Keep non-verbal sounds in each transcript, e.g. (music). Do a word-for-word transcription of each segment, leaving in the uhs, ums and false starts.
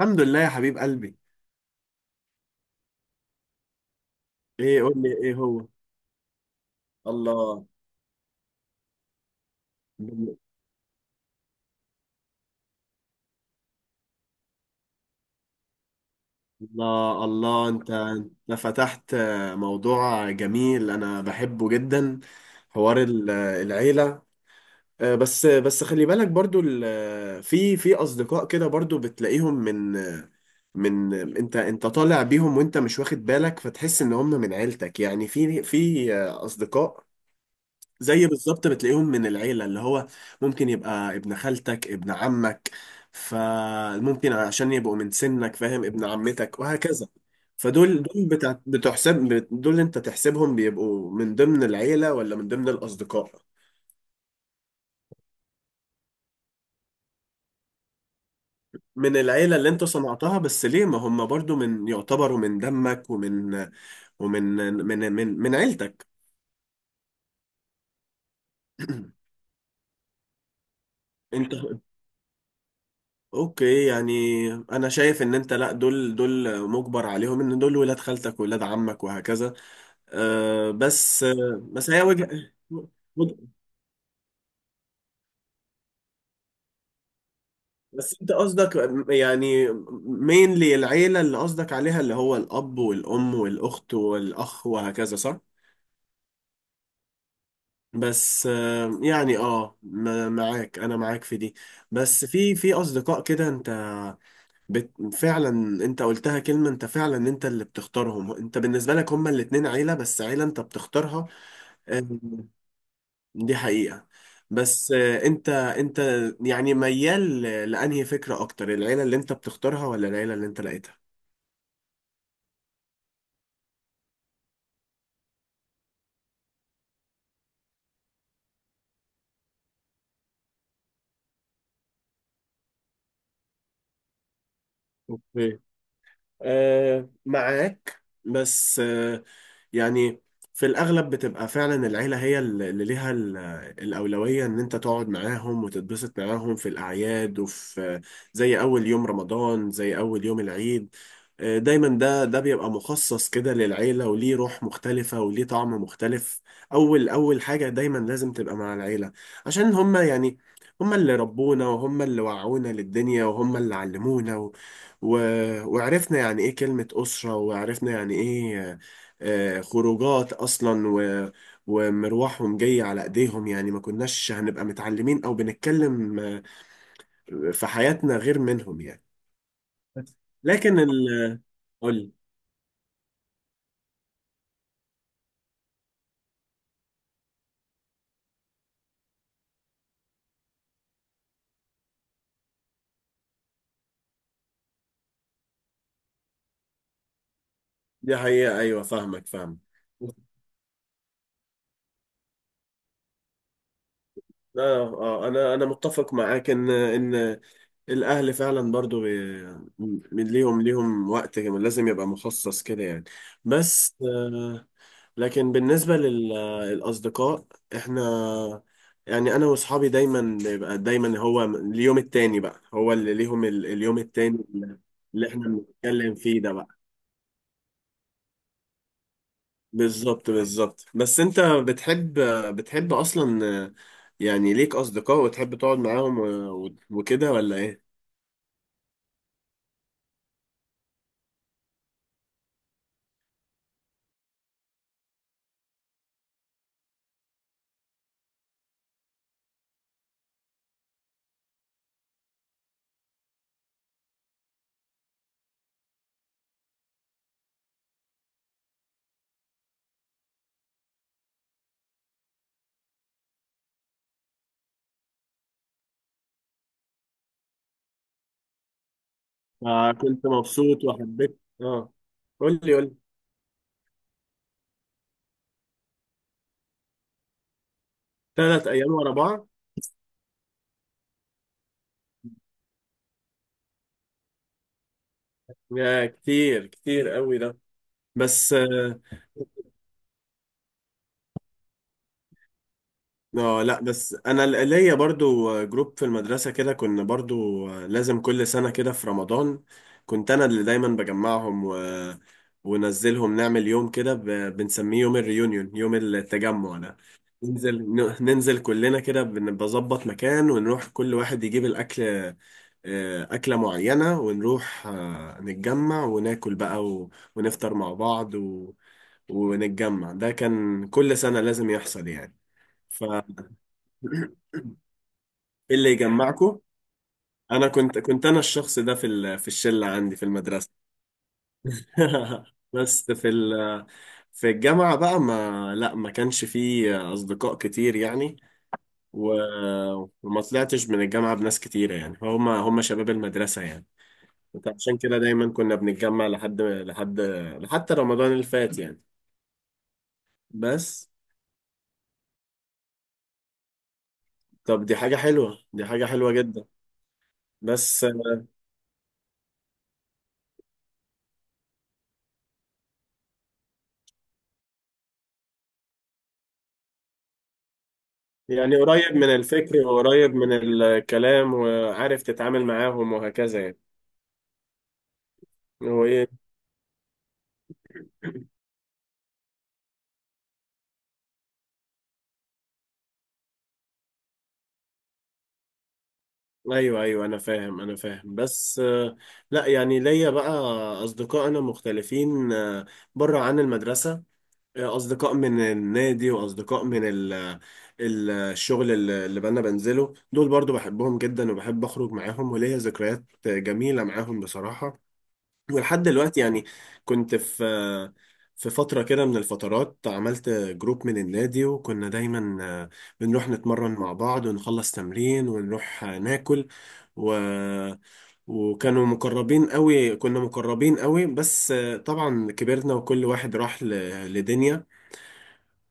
الحمد لله يا حبيب قلبي. ايه؟ قول لي ايه هو. الله، الله، الله. انت انت فتحت موضوع جميل، انا بحبه جدا. حوار ال- العيلة. آه، بس بس خلي بالك برضو، ال- في في اصدقاء كده برضو بتلاقيهم من من انت انت طالع بيهم وانت مش واخد بالك، فتحس ان هم من عيلتك. يعني في في اصدقاء زي بالظبط بتلاقيهم من العيلة، اللي هو ممكن يبقى ابن خالتك، ابن عمك، فممكن عشان يبقوا من سنك، فاهم، ابن عمتك وهكذا. فدول دول بتاع بتحسب بت- دول انت تحسبهم، بيبقوا من ضمن العيلة ولا من ضمن الأصدقاء؟ من العيلة اللي انت صنعتها، بس ليه؟ ما هم برضو من يعتبروا من دمك ومن ومن من من من عيلتك. (clears throat) انت. اوكي يعني، انا شايف ان انت، لا، دول دول مجبر عليهم، ان دول ولاد خالتك ولاد عمك وهكذا. أه بس، أه بس هي وجه. (laughs) بس انت قصدك، يعني، مينلي العيلة اللي قصدك عليها، اللي هو الاب والام والاخت والاخ وهكذا، صح؟ بس أه يعني اه م- معاك، انا معاك في دي. بس في في اصدقاء كده انت بت... فعلا، انت قلتها كلمة، انت فعلا انت اللي بتختارهم. انت بالنسبة لك هما الاتنين عيلة، بس عيلة انت بتختارها. آه، دي حقيقة. بس آه، انت انت يعني ميال ل- لأنهي فكرة اكتر؟ العيلة اللي انت بتختارها ولا العيلة اللي انت لقيتها؟ اوكي، آه معاك، بس يعني في الأغلب بتبقى فعلا العيلة هي اللي ليها ال- الأولوية، إن أنت تقعد معاهم وتتبسط معاهم في الأعياد وفي، زي أول يوم رمضان، زي أول يوم العيد. آه، دايما ده ده بيبقى مخصص كده للعيلة، وليه روح مختلفة وليه طعم مختلف. أول أول حاجة دايما لازم تبقى مع العيلة، عشان هما، يعني، هما اللي ربونا، وهما اللي وعونا للدنيا، وهما اللي علمونا و... و... وعرفنا يعني إيه كلمة أسرة، وعرفنا يعني إيه، آه، خروجات اصلا، و... ومروحهم جاي على ايديهم. يعني ما كناش هنبقى متعلمين او بنتكلم، آه، في حياتنا، غير منهم يعني. لكن ال... قول. دي حقيقة، ايوه فاهمك، فاهم. اه، اه، انا انا متفق معاك ان ان الاهل فعلا برضو بي... م- ليهم ليهم وقت لازم يبقى مخصص كده، يعني. بس، آه، لكن بالنسبة للأصدقاء، إحنا، يعني، أنا وأصحابي دايما بيبقى، دايما هو اليوم التاني بقى هو اللي ليهم ال- اليوم التاني، اللي إحنا بنتكلم فيه ده بقى. بالظبط، بالظبط. بس أنت بتحب، بتحب أصلا، يعني ليك أصدقاء وتحب تقعد معاهم و- و- وكده ولا إيه؟ فكنت مبسوط وحبيت، آه قول لي، قول لي. تلات أيام ورا بعض؟ يا، كتير كتير قوي ده. بس، اه لا، بس انا ل- ليا برضو جروب في المدرسة كده، كنا برضو لازم كل سنة كده في رمضان كنت انا اللي دايما بجمعهم و... ونزلهم نعمل يوم كده، ب... بنسميه يوم الريونيون، يوم التجمع ده. ننزل، ن- ننزل كلنا كده، بن- بظبط مكان، ونروح كل واحد يجيب الأكل، آه، أكلة معينة، ونروح آه، نتجمع وناكل بقى، و... ونفطر مع بعض، و... ونتجمع. ده كان كل سنة لازم يحصل، يعني. ف، (laughs) إيه اللي يجمعكم؟ انا كنت كنت انا الشخص ده في ال... في الشله عندي في المدرسه. (laughs) بس في ال... في الجامعه بقى، ما، لا، ما كانش فيه اصدقاء كتير، يعني و... وما طلعتش من الجامعه بناس كتيره، يعني هم هم شباب المدرسه، يعني. عشان كده دايما كنا بنتجمع لحد لحد لحد رمضان اللي فات، يعني. بس، طب، دي حاجه حلوه، دي حاجه حلوه جدا. بس يعني قريب من الفكر وقريب من الكلام، وعارف تتعامل معاهم وهكذا يعني. هو ايه؟ ايوه، ايوه، انا فاهم، انا فاهم، بس آه، لا يعني ليا بقى اصدقاء انا مختلفين، آه، بره عن المدرسة. آه، اصدقاء من النادي واصدقاء من ال ال- الشغل اللي اللي انا بنزله. دول برضو بحبهم جدا، وبحب اخرج معاهم، وليا ذكريات جميلة معاهم بصراحة، ولحد دلوقتي يعني. كنت في في فترة كده من الفترات، عملت جروب من النادي وكنا دايما آه، بنروح نتمرن مع بعض، ونخلص تمرين ونروح آه، ناكل و وكانوا مقربين قوي، كنا مقربين قوي. بس آه، طبعا كبرنا وكل واحد راح ل- لدنيا.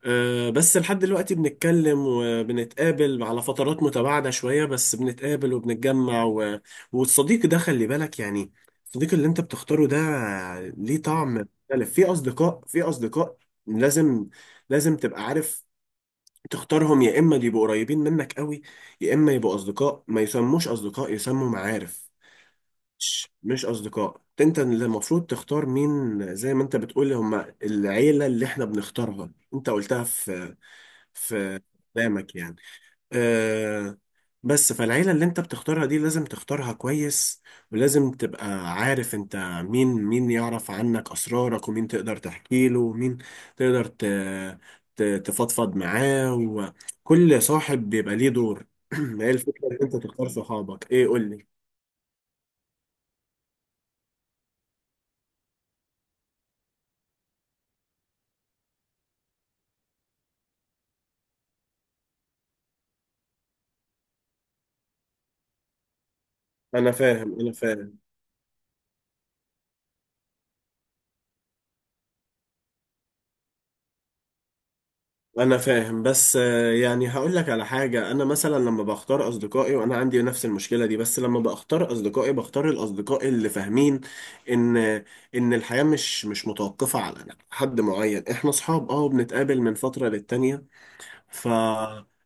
آه، بس لحد دلوقتي بنتكلم وبنتقابل على فترات متباعدة شوية، بس بنتقابل وبنتجمع و... والصديق ده خلي بالك، يعني، الصديق اللي انت بتختاره ده ليه طعم مختلف. في أصدقاء، في أصدقاء لازم لازم تبقى عارف تختارهم، يا إما يبقوا قريبين منك قوي، يا إما يبقوا أصدقاء ما يسموش أصدقاء، يسموا معارف. مش مش أصدقاء، انت اللي المفروض تختار مين، زي ما انت بتقول هم العيلة اللي احنا بنختارها، انت قلتها في في قدامك، يعني، أه. بس، فالعيلة اللي انت بتختارها دي لازم تختارها كويس، ولازم تبقى عارف انت مين مين يعرف عنك أسرارك، ومين تقدر تحكي له، ومين تقدر ت- ت- تفضفض معاه، وكل صاحب بيبقى ليه دور. (clears throat) هي الفكرة ان انت تختار صحابك. ايه، قول لي. انا فاهم، انا فاهم، انا فاهم، بس آه، يعني هقول لك على حاجة، انا مثلا لما بختار اصدقائي وانا عندي نفس المشكلة دي، بس لما بختار اصدقائي بختار الاصدقاء اللي فاهمين ان ان الحياة مش مش متوقفة على حد معين. احنا اصحاب، اه بنتقابل من فترة للتانية، ف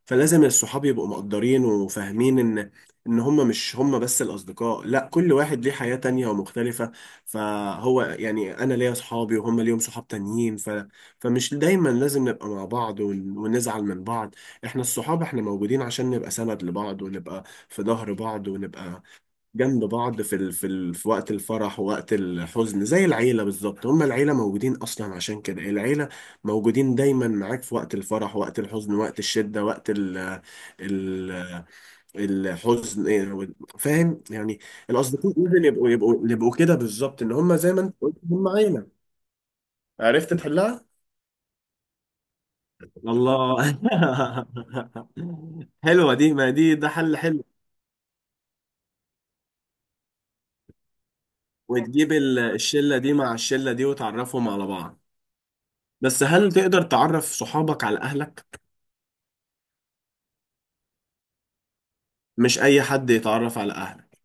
فلازم الصحاب يبقوا مقدرين وفاهمين ان ان هم مش هم بس الاصدقاء. لا، كل واحد ليه حياة تانية ومختلفة، فهو يعني انا ليا صحابي وهم ليهم صحاب تانيين، ف... فمش دايما لازم نبقى مع بعض ون... ونزعل من بعض. احنا الصحاب، احنا موجودين عشان نبقى سند لبعض، ونبقى في ظهر بعض، ونبقى جنب بعض في ال... في ال... في وقت الفرح ووقت الحزن، زي العيلة بالظبط. هما العيلة موجودين أصلا، عشان كده العيلة موجودين دايما معاك في وقت الفرح، وقت الحزن، وقت الشدة، وقت ال... ال... الحزن، إيه، وال- فاهم يعني. الأصدقاء لازم يبقوا يبقوا يبقوا كده بالظبط، إن هما زي ما أنت قلت هما عيلة. عرفت تحلها؟ الله. (laughs) حلوة دي، ما دي ده حل حلو. وتجيب ال- الشلة دي مع الشلة دي، وتعرفهم على بعض. بس هل تقدر تعرف صحابك على أهلك؟ مش أي حد يتعرف على أهلك.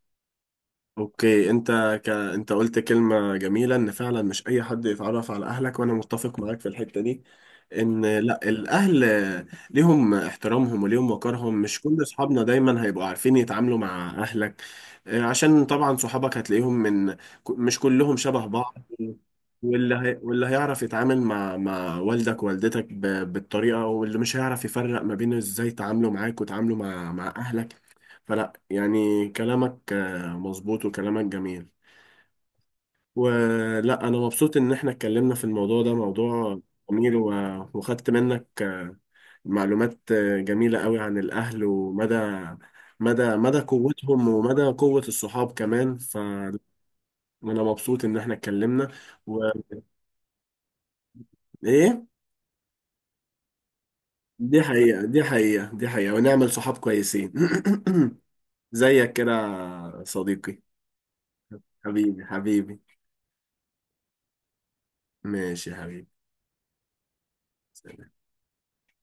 أوكي، أنت ك... أنت قلت كلمة جميلة، إن فعلا مش أي حد يتعرف على أهلك، وأنا متفق معاك في الحتة دي. ان، لا، الاهل ليهم احترامهم وليهم وقارهم، مش كل اصحابنا دايما هيبقوا عارفين يتعاملوا مع اهلك. آه، عشان طبعا صحابك هتلاقيهم من ك- مش كلهم شبه بعض. واللي هي واللي هيعرف يتعامل مع مع والدك ووالدتك ب- بالطريقة، واللي مش هيعرف يفرق ما بين ازاي تعاملوا معاك وتعاملوا مع مع اهلك. فلا يعني كلامك آه، مظبوط، وكلامك جميل، ولا انا مبسوط ان احنا اتكلمنا في الموضوع ده، موضوع جميل، و- وخدت منك آه، معلومات آه، جميلة قوي عن الاهل، ومدى مدى مدى قوتهم، ومدى قوة الصحاب كمان. فانا مبسوط ان احنا اتكلمنا. وايه؟ دي حقيقة، دي حقيقة، دي حقيقة، ونعمل صحاب كويسين. (coughs) (clears throat) زيك كده، يا صديقي. حبيبي، حبيبي. ماشي يا حبيبي. سلام.